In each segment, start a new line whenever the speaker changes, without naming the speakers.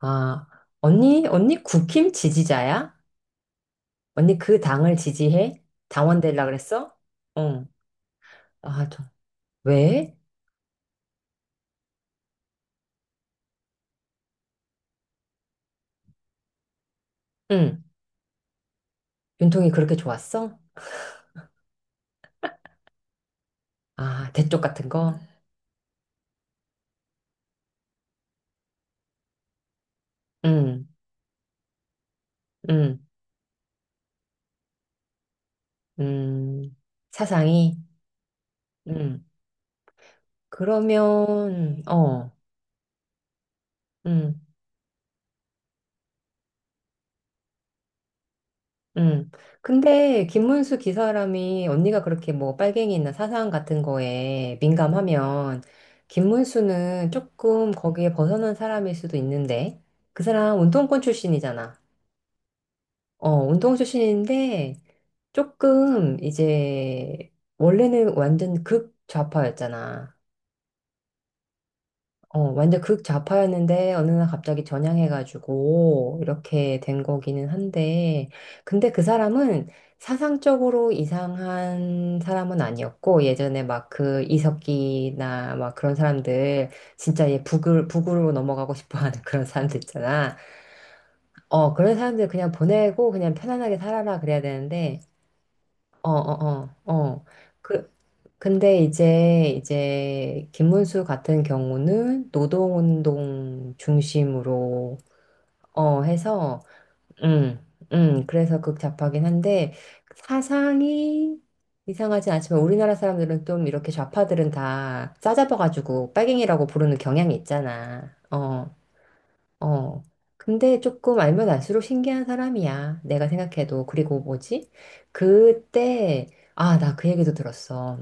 아, 언니, 국힘 지지자야? 언니 그 당을 지지해? 당원 되려 그랬어? 응. 아, 저, 왜? 응. 윤통이 그렇게 좋았어? 아, 대쪽 같은 거? 응, 응, 음. 사상이? 응. 그러면, 어, 응. 음. 근데 김문수 기사람이 언니가 그렇게 뭐 빨갱이나 사상 같은 거에 민감하면 김문수는 조금 거기에 벗어난 사람일 수도 있는데 그 사람 운동권 출신이잖아. 어, 운동 출신인데 조금 이제 원래는 완전 극좌파였잖아. 어, 완전 극좌파였는데 어느 날 갑자기 전향해가지고 이렇게 된 거기는 한데 근데 그 사람은 사상적으로 이상한 사람은 아니었고 예전에 막 그 이석기나 막 그런 사람들 진짜 얘 북을 북으로 넘어가고 싶어하는 그런 사람들 있잖아. 어 그런 사람들 그냥 보내고 그냥 편안하게 살아라 그래야 되는데 어어어어그 근데 이제 김문수 같은 경우는 노동운동 중심으로 어 해서 음, 그래서 극좌파긴 한데 사상이 이상하진 않지만 우리나라 사람들은 좀 이렇게 좌파들은 다 싸잡아가지고 빨갱이라고 부르는 경향이 있잖아. 어, 어. 근데 조금 알면 알수록 신기한 사람이야. 내가 생각해도. 그리고 뭐지? 그때 아, 나 그 얘기도 들었어.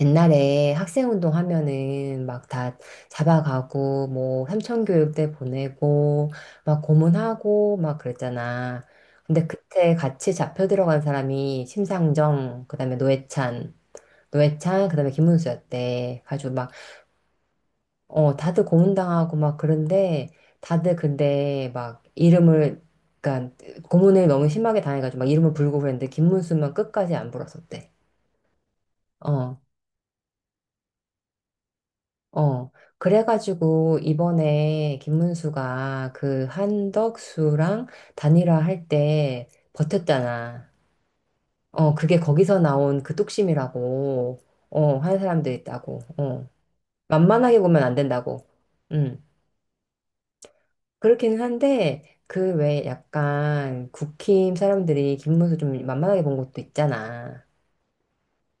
옛날에 학생 운동하면은 막 다 잡아가고 뭐 삼천교육대 보내고 막 고문하고 막 그랬잖아. 근데 그때 같이 잡혀 들어간 사람이 심상정, 그다음에 노회찬, 노회찬, 그다음에 김문수였대. 가지고 막 어 다들 고문당하고 막 그런데 다들 근데 막 이름을 그러니까 고문을 너무 심하게 당해가지고 막 이름을 불고 그랬는데 김문수만 끝까지 안 불었었대. 어. 어, 그래가지고 이번에 김문수가 그 한덕수랑 단일화 할 때 버텼잖아. 어, 그게 거기서 나온 그 뚝심이라고, 어, 하는 사람도 있다고, 어. 만만하게 보면 안 된다고. 음. 그렇기는 한데, 그 외에 약간 국힘 사람들이 김문수 좀 만만하게 본 것도 있잖아.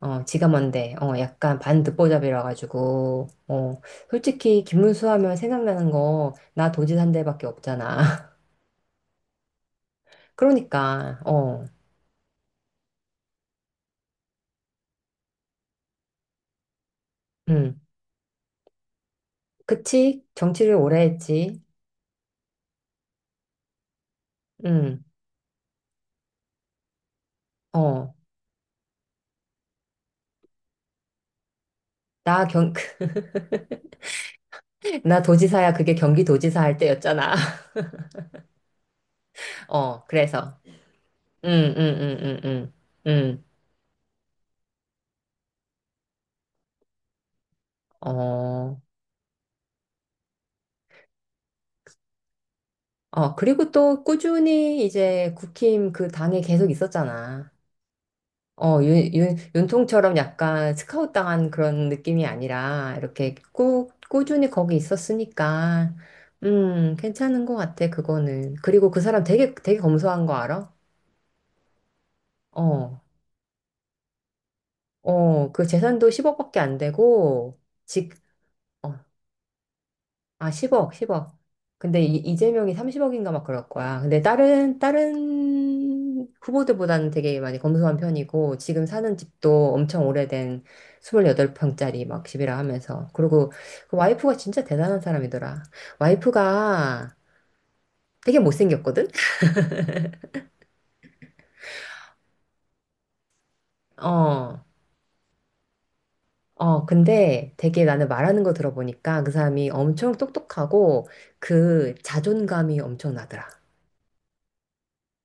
어, 지가 뭔데, 어, 약간 반 듣보잡이라 가지고, 어, 솔직히 김문수 하면 생각나는 거, 나 도지 산 데밖에 없잖아. 그러니까, 어, 음, 그치? 정치를 오래 했지. 음, 어, 나 경, 나 도지사야, 그게 경기도지사 할 때였잖아. 어, 그래서, 음, 음, 음, 음, 음, 음, 어, 어, 그리고 또 꾸준히 이제 국힘 그 당에 계속 있었잖아. 어, 윤통처럼 약간 스카웃 당한 그런 느낌이 아니라, 이렇게 꾸준히 거기 있었으니까, 괜찮은 것 같아, 그거는. 그리고 그 사람 되게 검소한 거 알아? 어, 어, 그 재산도 10억밖에 안 되고, 직, 어, 아, 10억. 근데 이재명이 30억인가 막 그럴 거야. 근데 다른 후보들보다는 되게 많이 검소한 편이고, 지금 사는 집도 엄청 오래된 28평짜리 막 집이라 하면서. 그리고 그 와이프가 진짜 대단한 사람이더라. 와이프가 되게 못생겼거든? 어, 어, 근데 되게 나는 말하는 거 들어보니까 그 사람이 엄청 똑똑하고 그 자존감이 엄청 나더라.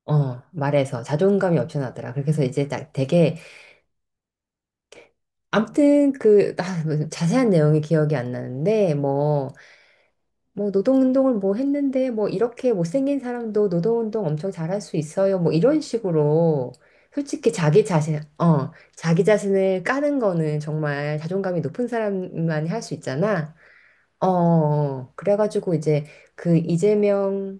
어, 말해서 자존감이 엄청 나더라. 그래서 이제 되게 아무튼 무슨 자세한 내용이 기억이 안 나는데 노동운동을 뭐 했는데 뭐 이렇게 못생긴 사람도 노동운동 엄청 잘할 수 있어요 뭐 이런 식으로 솔직히 자기 자신을 까는 거는 정말 자존감이 높은 사람만이 할 수 있잖아 어 그래가지고 이제 그 이재명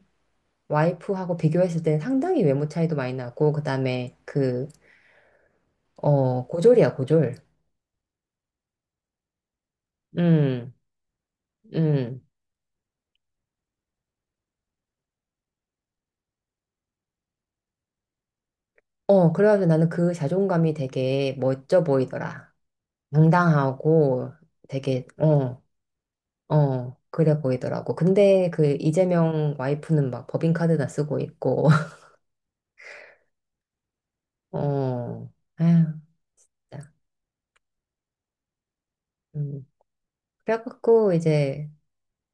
와이프하고 비교했을 때는 상당히 외모 차이도 많이 나고 그다음에 그 어 고졸 음 음. 어, 그래가지고 나는 그 자존감이 되게 멋져 보이더라. 당당하고 되게, 어, 어, 그래 보이더라고. 근데 그 이재명 와이프는 막 법인카드나 쓰고 있고, 어, 아휴, 진짜. 음. 그래갖고 이제,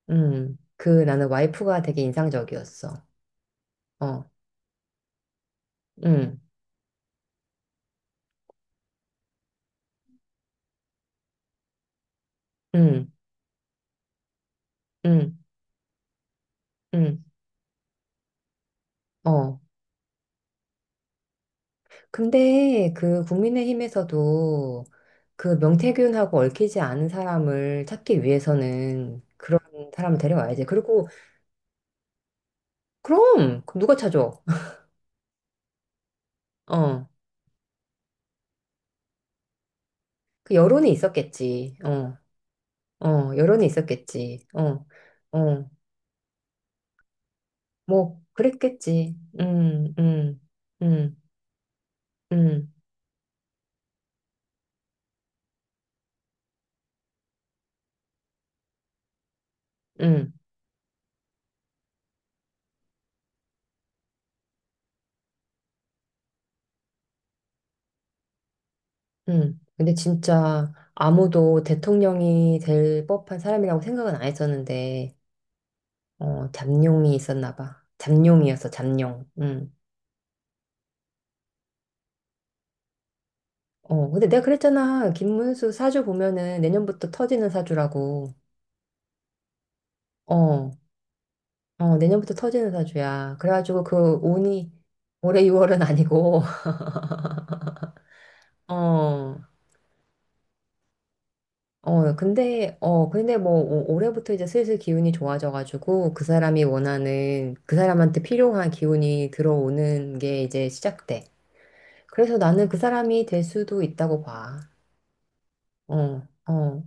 그 나는 와이프가 되게 인상적이었어. 어, 음, 음, 음, 음, 어. 근데 그 국민의힘에서도 그 명태균하고 얽히지 않은 사람을 찾기 위해서는 사람을 데려와야지. 그리고, 그럼! 그럼 누가 찾아? 어. 그 여론이 있었겠지. 어. 어. 여론이 있었겠지. 어. 어. 뭐, 그랬겠지. 음, 음, 음, 근데 진짜 아무도 대통령이 될 법한 사람이라고 생각은 안 했었는데, 어, 잡룡이 있었나 봐. 잡룡이었어, 잡룡. 음. 어, 근데 내가 그랬잖아. 김문수 사주 보면은 내년부터 터지는 사주라고. 어. 어, 내년부터 터지는 사주야. 그래가지고 그 운이 올해 6월은 아니고, 어, 어, 근데 뭐, 올해부터 이제 슬슬 기운이 좋아져가지고, 그 사람한테 필요한 기운이 들어오는 게 이제 시작돼. 그래서 나는 그 사람이 될 수도 있다고 봐. 어, 어.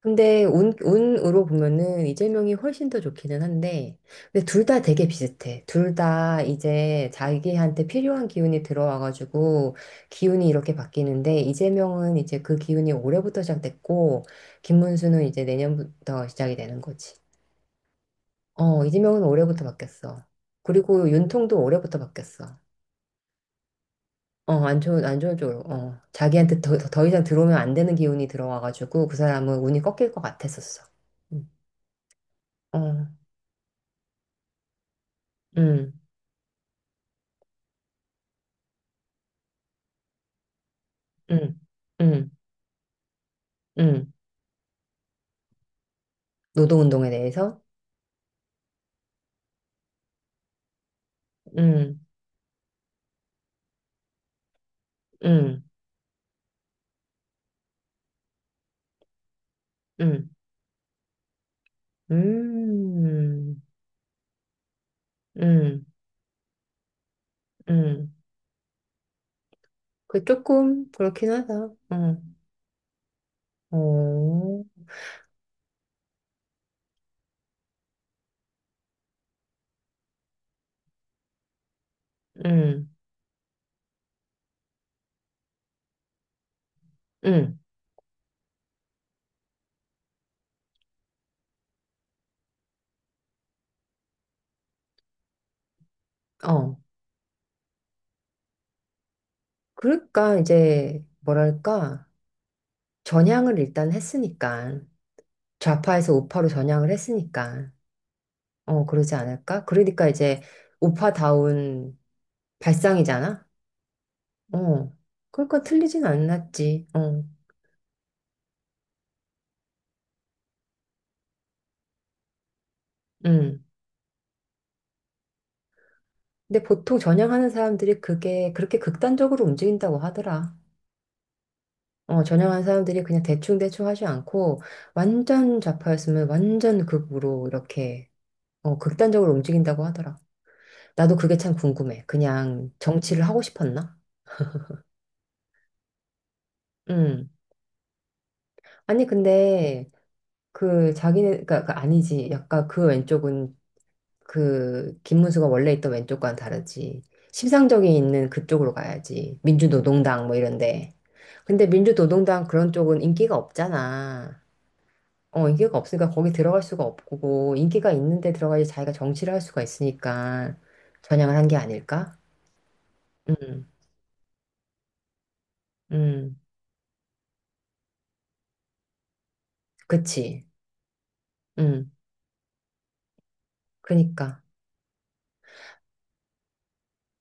근데 운으로 보면은 이재명이 훨씬 더 좋기는 한데, 근데 둘 다 되게 비슷해. 둘 다 이제 자기한테 필요한 기운이 들어와가지고 기운이 이렇게 바뀌는데, 이재명은 이제 그 기운이 올해부터 시작됐고, 김문수는 이제 내년부터 시작이 되는 거지. 어, 이재명은 올해부터 바뀌었어. 그리고 윤통도 올해부터 바뀌었어. 어, 안 좋은 쪽으로. 어, 자기한테 더 이상 들어오면 안 되는 기운이 들어와가지고 그 사람은 운이 꺾일 것 같았었어. 음. 어, 음. 음, 음, 음. 노동운동에 대해서? 음, 음, 음, 음, 음, 음. 그 조금 그렇긴 하다. 어, 어, 음, 음, 어. 그러니까 이제 뭐랄까 전향을 일단 했으니까 좌파에서 우파로 전향을 했으니까 어 그러지 않을까? 그러니까 이제 우파다운 발상이잖아. 어, 그러니까 틀리진 않았지. 어, 근데 보통 전향하는 사람들이 그게 그렇게 극단적으로 움직인다고 하더라. 어, 전향하는 사람들이 그냥 대충대충 하지 않고 완전 좌파였으면 완전 극으로 이렇게 어, 극단적으로 움직인다고 하더라. 나도 그게 참 궁금해. 그냥 정치를 하고 싶었나? 음. 아니 근데 그 자기네 그니까 아니지. 약간 그 왼쪽은 그 김문수가 원래 있던 왼쪽과는 다르지. 심상정이 있는 그쪽으로 가야지. 민주노동당 뭐 이런데. 근데 민주노동당 그런 쪽은 인기가 없잖아. 어, 인기가 없으니까 거기 들어갈 수가 없고, 인기가 있는데 들어가야지 자기가 정치를 할 수가 있으니까 전향을 한 게 아닐까? 음, 음, 그치. 음, 그러니까.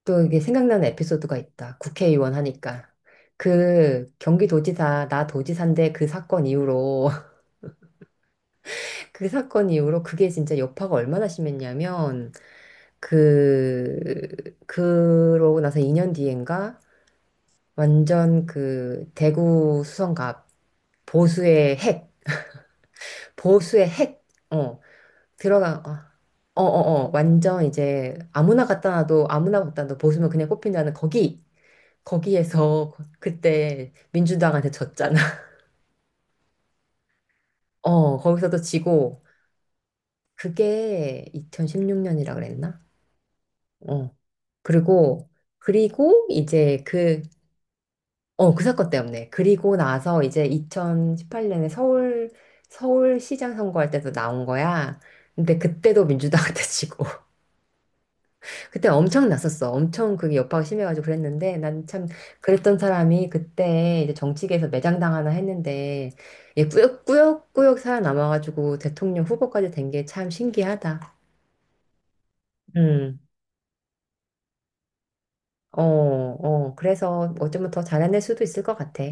또 이게 생각나는 에피소드가 있다. 국회의원 하니까. 그 경기도지사, 나 도지사인데 그 사건 이후로 그게 진짜 여파가 얼마나 심했냐면 그러고 나서 2년 뒤인가 완전 그 대구 수성갑 보수의 핵 보수의 핵어 들어가 어 어 어 어, 완전 이제 아무나 갖다 놔도 보수면 그냥 뽑힌다는 거기 거기에서 그때 민주당한테 졌잖아. 어 거기서도 지고 그게 2016년이라 그랬나. 어. 그리고, 그리고 이제 그, 어, 그 사건 때문에. 그리고 나서 이제 2018년에 서울, 서울시장 선거할 때도 나온 거야. 근데 그때도 민주당한테 지고. 그때 엄청 났었어. 엄청 그게 여파가 심해가지고 그랬는데 난 참 그랬던 사람이 그때 이제 정치계에서 매장당하나 했는데 얘 꾸역꾸역꾸역 살아남아가지고 대통령 후보까지 된 게 참 신기하다. 음, 어, 어. 그래서 어쩌면 더 잘해낼 수도 있을 것 같아.